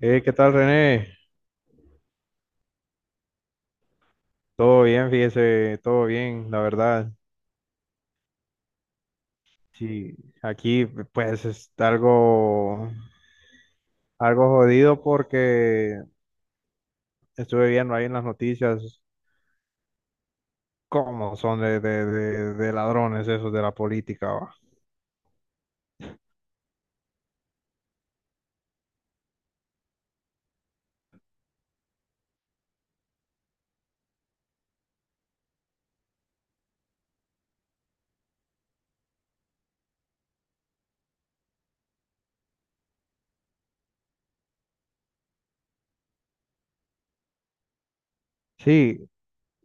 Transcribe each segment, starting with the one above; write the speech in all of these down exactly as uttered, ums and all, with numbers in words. Eh, ¿qué tal, René? Todo bien, fíjese, todo bien, la verdad. Sí, aquí pues es algo, algo jodido porque estuve viendo ahí en las noticias cómo son de, de- de- de ladrones esos de la política, va. Sí,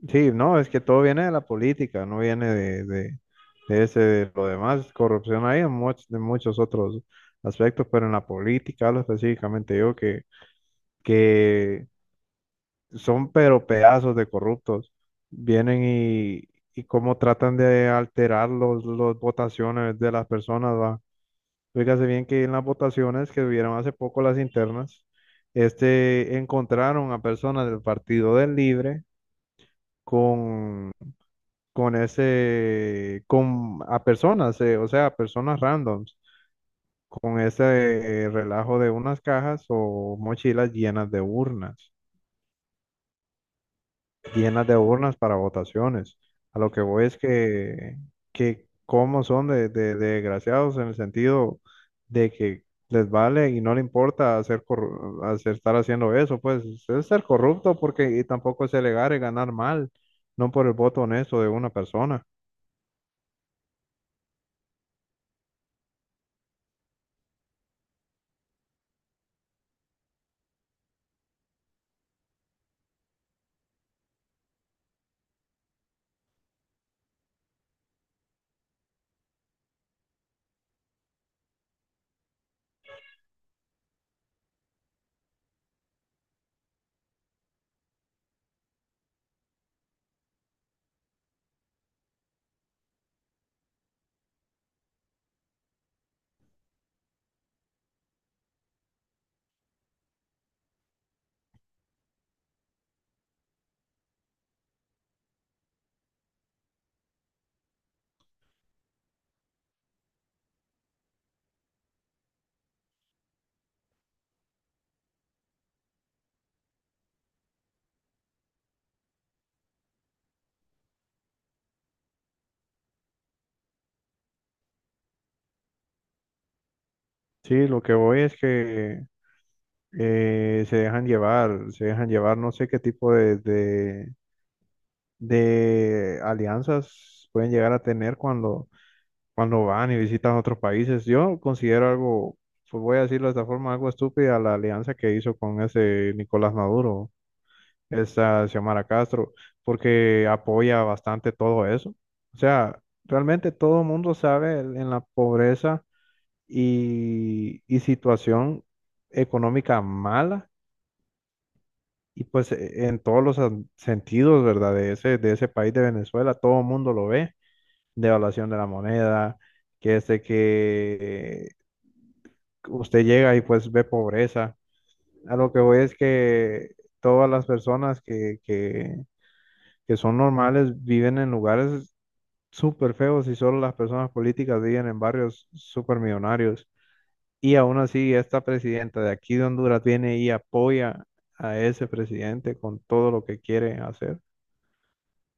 Sí, no, es que todo viene de la política, no viene de, de, de ese, de lo demás. Corrupción hay en muchos, de muchos otros aspectos, pero en la política hablo específicamente yo que, que son pero pedazos de corruptos. Vienen y, y cómo tratan de alterar los, los votaciones de las personas, va. Fíjese bien que en las votaciones que hubieron hace poco las internas, este, encontraron a personas del Partido del Libre con con ese, con a personas, eh, o sea, a personas randoms, con ese eh, relajo de unas cajas o mochilas llenas de urnas, llenas de urnas para votaciones. A lo que voy es que, que cómo son de, de- de desgraciados en el sentido de que les vale y no le importa hacer, corru- hacer- estar haciendo eso, pues es ser corrupto porque y tampoco es elegar y ganar mal, no por el voto honesto de una persona. Sí, lo que voy es que eh, se dejan llevar, se dejan llevar, no sé qué tipo de, de, de alianzas pueden llegar a tener cuando, cuando van y visitan otros países. Yo considero algo, pues voy a decirlo de esta forma, algo estúpida la alianza que hizo con ese Nicolás Maduro, esa Xiomara Castro, porque apoya bastante todo eso. O sea, realmente todo el mundo sabe el- en la pobreza y, y situación económica mala. Y pues e- en todos los an- sentidos, ¿verdad? De ese, de ese país de Venezuela, todo el mundo lo ve, devaluación de la moneda, que es de que usted llega y pues ve pobreza. A lo que voy es que todas las personas que, que, que son normales viven en lugares súper feos y solo las personas políticas viven en barrios súper millonarios. Y aún así, esta presidenta de aquí de Honduras viene y apoya a ese presidente con todo lo que quiere hacer.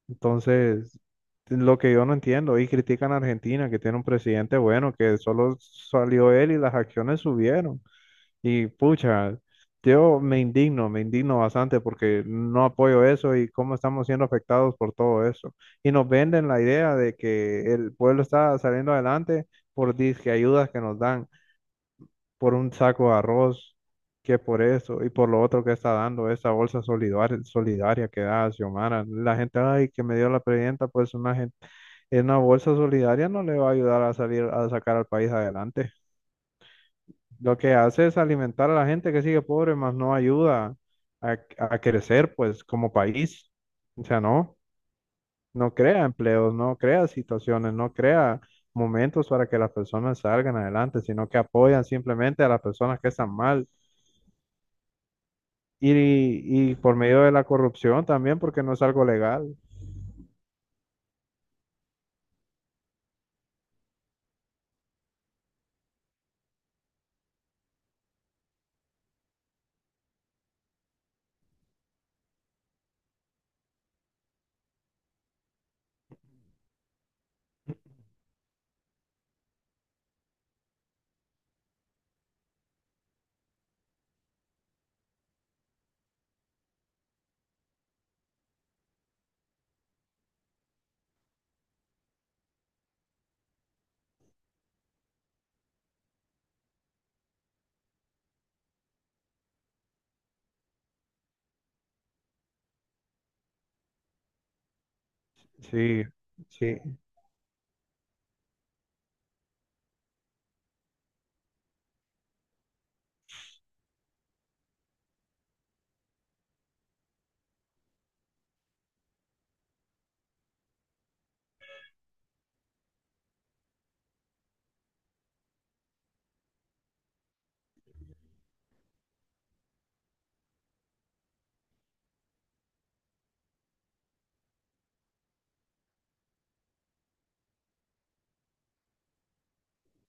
Entonces, es lo que yo no entiendo, y critican a Argentina, que tiene un presidente bueno, que solo salió él y las acciones subieron. Y pucha, yo me indigno, me indigno bastante porque no apoyo eso y cómo estamos siendo afectados por todo eso. Y nos venden la idea de que el pueblo está saliendo adelante por disque ayudas que nos dan por un saco de arroz, que por eso y por lo otro que está dando esa bolsa solidaria, solidaria que da Xiomara. La gente, ay, que me dio la presidenta, pues una gente, en una bolsa solidaria no le va a ayudar a salir, a sacar al país adelante. Lo que hace es alimentar a la gente que sigue pobre, más no ayuda a, a crecer, pues, como país. O sea, no, no crea empleos, no crea situaciones, no crea momentos para que las personas salgan adelante, sino que apoyan simplemente a las personas que están mal. Y, y por medio de la corrupción también, porque no es algo legal. Sí, sí,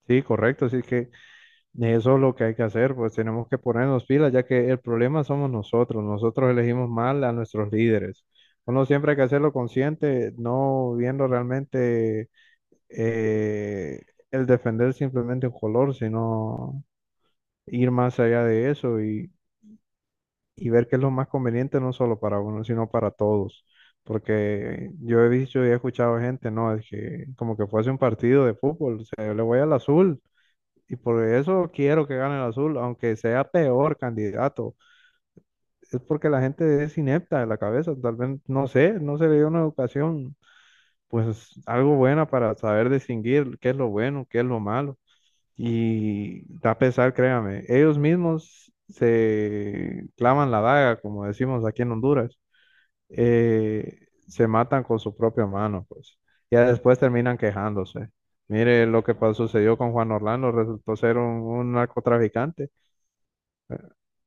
sí, correcto. Así que eso es lo que hay que hacer, pues tenemos que ponernos pilas, ya que el problema somos nosotros. Nosotros elegimos mal a nuestros líderes. Uno siempre hay que hacerlo consciente, no viendo realmente eh, el defender simplemente un color, sino ir más allá de eso y y ver qué es lo más conveniente, no solo para uno, sino para todos. Porque yo he visto y he escuchado gente, ¿no? Es que como que fuese un partido de fútbol, o sea, yo le voy al azul y por eso quiero que gane el azul, aunque sea peor candidato. Es porque la gente es inepta de la cabeza, tal vez, no sé, no se le dio una educación, pues algo buena para saber distinguir qué es lo bueno, qué es lo malo. Y da pesar, créame, ellos mismos se clavan la daga, como decimos aquí en Honduras, eh, se matan con su propia mano, pues. Ya después terminan quejándose. Mire lo que pa- sucedió con Juan Orlando, resultó ser un, un narcotraficante,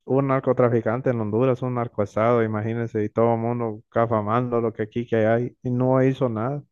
un narcotraficante en Honduras, un narcoestado, imagínense, y todo el mundo cafamando lo que aquí que hay, y no hizo nada.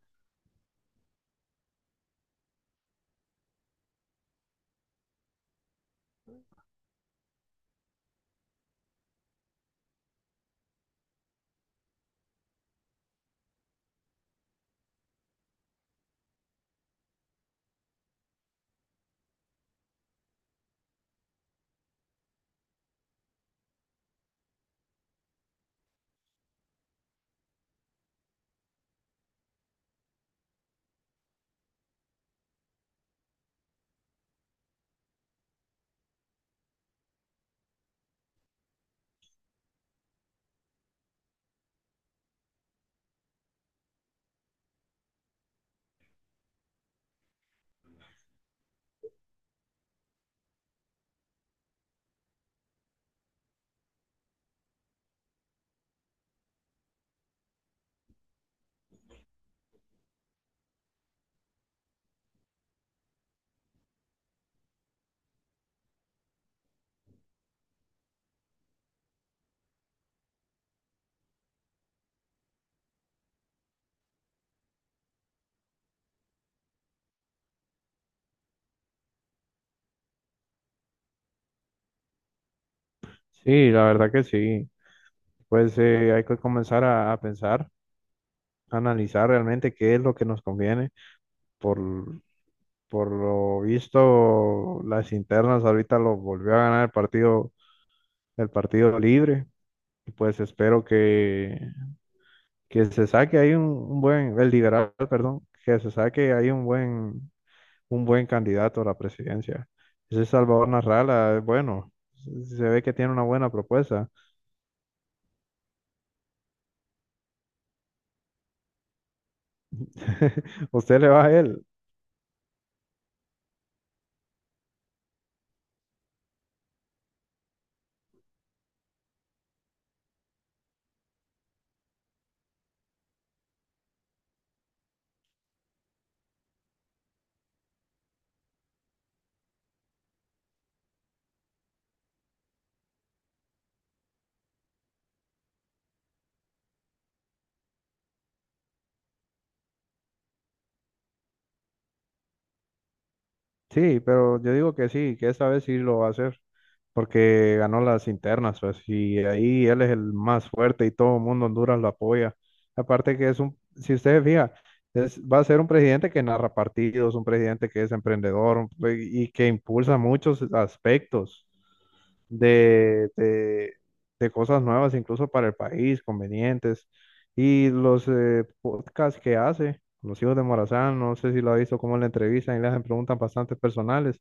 Sí, la verdad que sí. Pues eh, hay que comenzar a, a pensar, a analizar realmente qué es lo que nos conviene. Por, por lo visto, las internas ahorita lo volvió a ganar el partido el partido libre. Y pues espero que, que se saque ahí un, un buen, el liberal, perdón, que se saque ahí un buen, un buen candidato a la presidencia. Ese Salvador Narrala, es bueno, se ve que tiene una buena propuesta. Usted le va a él. Sí, pero yo digo que sí, que esta vez sí lo va a hacer. Porque ganó las internas, pues, y ahí él es el más fuerte y todo el mundo en Honduras lo apoya. Aparte que es un, si ustedes fijan, es, va a ser un presidente que narra partidos, un presidente que es emprendedor un pre- y que impulsa muchos aspectos de, de, de cosas nuevas, incluso para el país, convenientes. Y los eh, podcasts que hace, Los Hijos de Morazán, no sé si lo ha visto, cómo le entrevistan y le hacen preguntas bastante personales.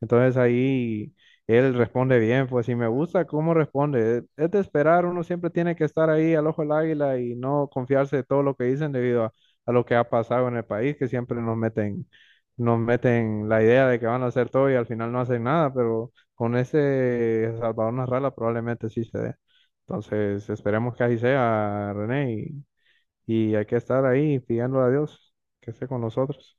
Entonces ahí él responde bien, pues si me gusta cómo responde. Es de esperar, uno siempre tiene que estar ahí al ojo del águila y no confiarse de todo lo que dicen debido a, a lo que ha pasado en el país, que siempre nos meten, nos meten la idea de que van a hacer todo y al final no hacen nada, pero con ese Salvador Narrala probablemente sí se dé. Entonces esperemos que así sea, René, y, y hay que estar ahí pidiéndole a Dios que esté con nosotros.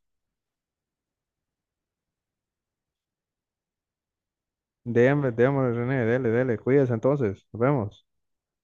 Démosle, démosle, René, dele, dele, cuídese entonces, nos vemos.